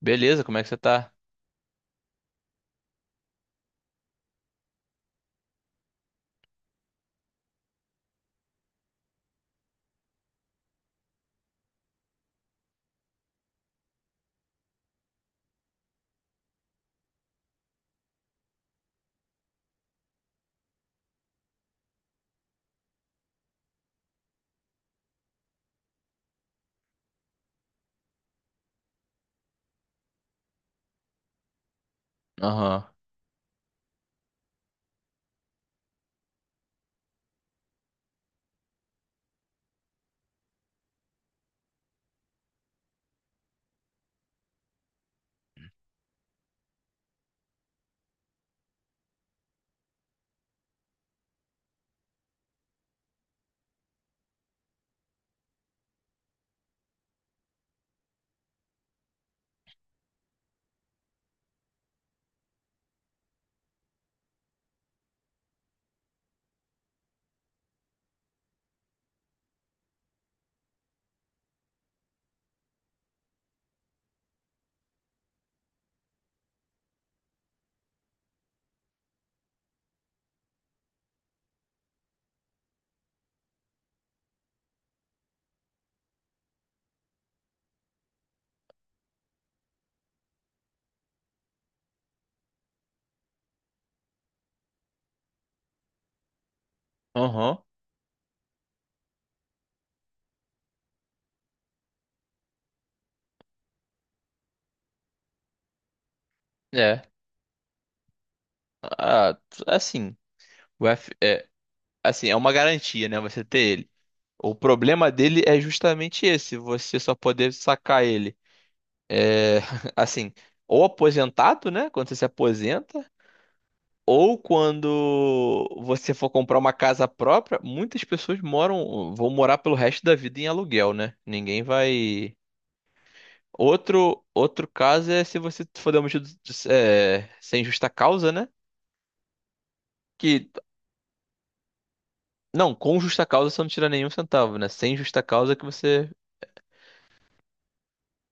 Beleza, como é que você tá? Aham. Aham. É. Ah, assim, o F é, assim, é uma garantia, né, você ter ele. O problema dele é justamente esse: você só poder sacar ele. É, assim, ou aposentado, né, quando você se aposenta, ou quando você for comprar uma casa própria. Muitas pessoas moram, vão morar pelo resto da vida em aluguel, né? Ninguém vai. Outro, outro caso é se você for demitido, é, sem justa causa, né? que Não, com justa causa você não tira nenhum centavo, né? Sem justa causa que você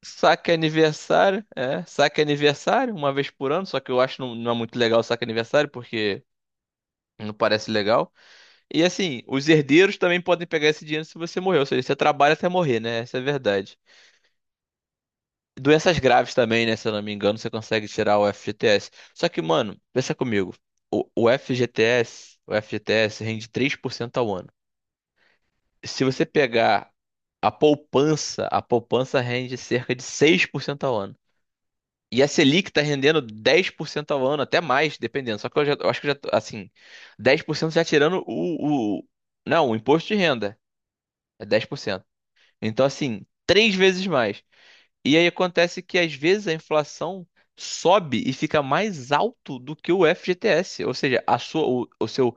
saque aniversário, saque aniversário uma vez por ano, só que eu acho não, não é muito legal o saque aniversário porque não parece legal. E assim, os herdeiros também podem pegar esse dinheiro se você morrer, ou seja, você trabalha até morrer, né? Essa é a verdade. Doenças graves também, né? Se eu não me engano, você consegue tirar o FGTS. Só que, mano, pensa comigo. O FGTS rende 3% ao ano. Se você pegar a poupança rende cerca de 6% ao ano. E a Selic está rendendo 10% ao ano, até mais, dependendo. Só que eu já, eu acho que eu já, tô, assim, 10% já tirando não, o imposto de renda, é 10%. Então, assim, três vezes mais. E aí acontece que às vezes a inflação sobe e fica mais alto do que o FGTS, ou seja, a sua, o seu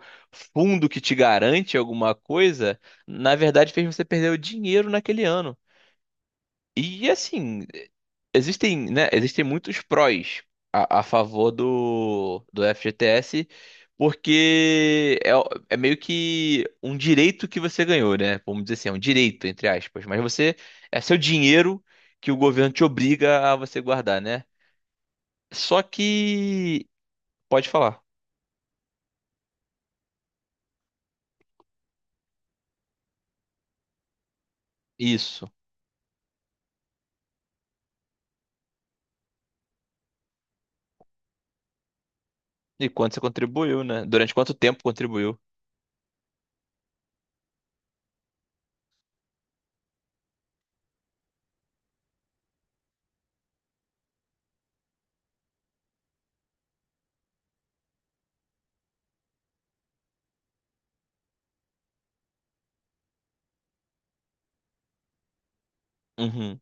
fundo que te garante alguma coisa, na verdade fez você perder o dinheiro naquele ano. E assim, existem, né, existem muitos prós a favor do FGTS, porque é meio que um direito que você ganhou, né? Vamos dizer assim, é um direito, entre aspas, mas você é seu dinheiro que o governo te obriga a você guardar, né? Só que pode falar. Isso. E quanto você contribuiu, né? Durante quanto tempo contribuiu? Uhum.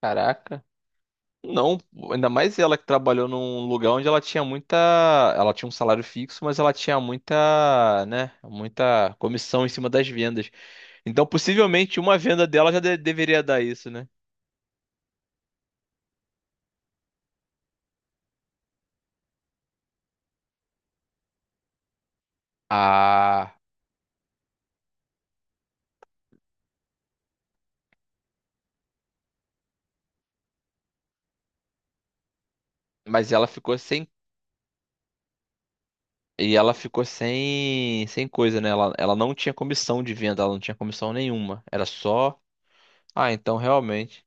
Caraca. Não, ainda mais ela, que trabalhou num lugar onde ela tinha muita. Ela tinha um salário fixo, mas ela tinha muita, né? Muita comissão em cima das vendas. Então, possivelmente, uma venda dela já deveria dar isso, né? Ah, mas ela ficou sem. E ela ficou sem coisa, né? Ela não tinha comissão de venda, ela não tinha comissão nenhuma. Era só. Ah, então realmente.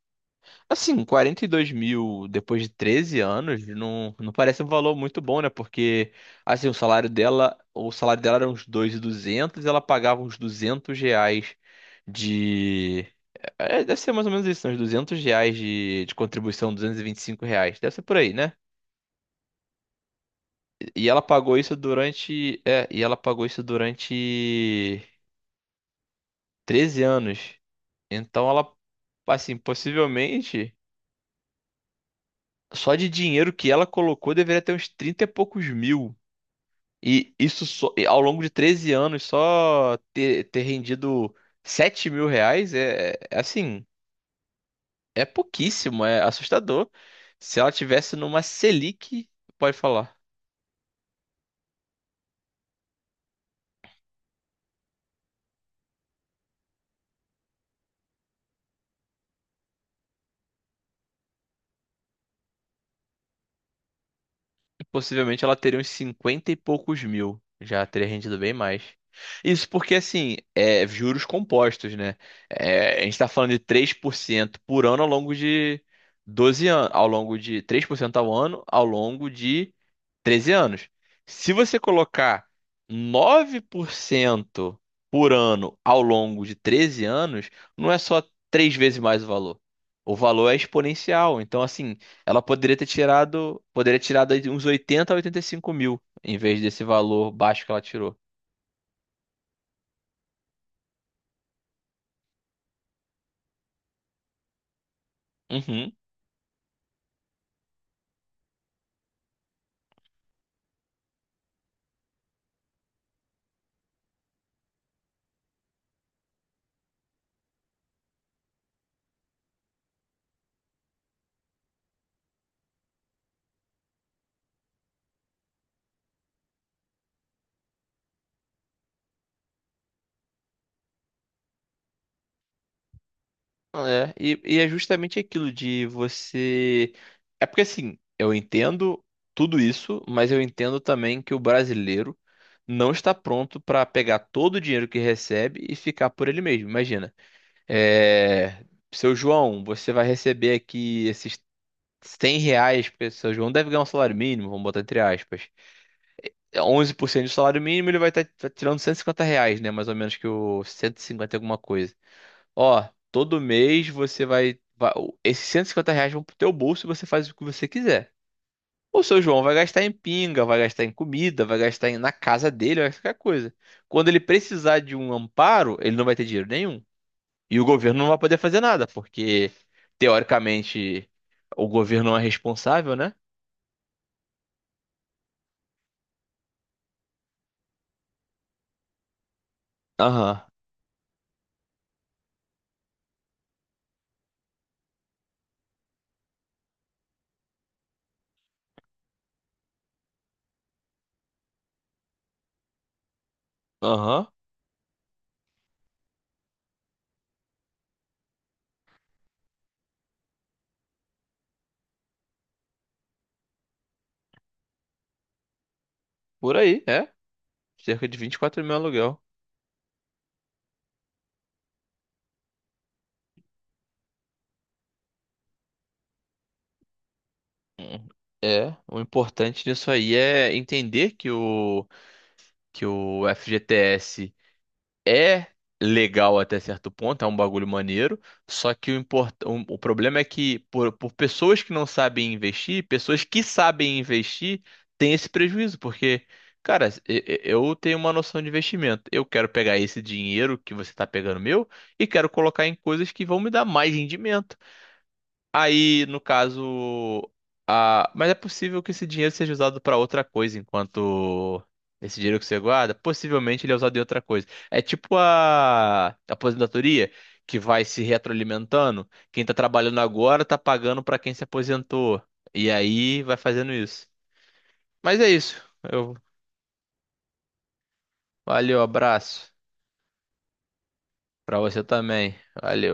Assim, 42 mil depois de 13 anos não, não parece um valor muito bom, né? Porque, assim, o salário dela era uns 2.200, ela pagava uns R$ 200 de deve ser mais ou menos isso, né? Uns R$ 200 de contribuição, R$ 225. Deve ser por aí, né? E ela pagou isso durante. É, e ela pagou isso durante 13 anos. Então, ela, assim, possivelmente só de dinheiro que ela colocou deveria ter uns 30 e poucos mil. E isso só, e ao longo de 13 anos só ter rendido 7 mil reais é assim, é pouquíssimo, é assustador. Se ela tivesse numa Selic. Pode falar. Possivelmente ela teria uns 50 e poucos mil. Já teria rendido bem mais. Isso porque, assim, é juros compostos, né? É, a gente tá falando de 3% por ano ao longo de 12 anos. Ao longo de 3% ao ano ao longo de 13 anos. Se você colocar 9% por ano ao longo de 13 anos, não é só três vezes mais o valor. O valor é exponencial. Então, assim, ela poderia ter tirado aí de uns 80 a 85 mil, em vez desse valor baixo que ela tirou. Uhum. É, e é justamente aquilo de você. É porque assim, eu entendo tudo isso, mas eu entendo também que o brasileiro não está pronto para pegar todo o dinheiro que recebe e ficar por ele mesmo. Imagina, é... seu João, você vai receber aqui esses 100 reais, porque seu João deve ganhar um salário mínimo, vamos botar entre aspas. 11% do salário mínimo, ele vai estar tirando R$ 150, né? Mais ou menos que o 150 e cinquenta e alguma coisa. Ó, todo mês você vai. Esses R$ 150 vão pro teu bolso e você faz o que você quiser. O seu João vai gastar em pinga, vai gastar em comida, vai gastar na casa dele, vai gastar em qualquer coisa. Quando ele precisar de um amparo, ele não vai ter dinheiro nenhum. E o governo não vai poder fazer nada, porque, teoricamente, o governo não é responsável, né? Aham. Aham. Por aí, é. Cerca de 24 mil aluguel. Hum. É, o importante disso aí é entender que o FGTS é legal até certo ponto, é um bagulho maneiro, só que o problema é que por pessoas que não sabem investir, pessoas que sabem investir têm esse prejuízo, porque, cara, eu tenho uma noção de investimento, eu quero pegar esse dinheiro que você está pegando meu e quero colocar em coisas que vão me dar mais rendimento. Aí, no caso, mas é possível que esse dinheiro seja usado para outra coisa, enquanto esse dinheiro que você guarda, possivelmente ele é usado em outra coisa. É tipo a aposentadoria, que vai se retroalimentando. Quem tá trabalhando agora tá pagando para quem se aposentou. E aí vai fazendo isso. Mas é isso. Eu... Valeu, abraço. Para você também. Valeu.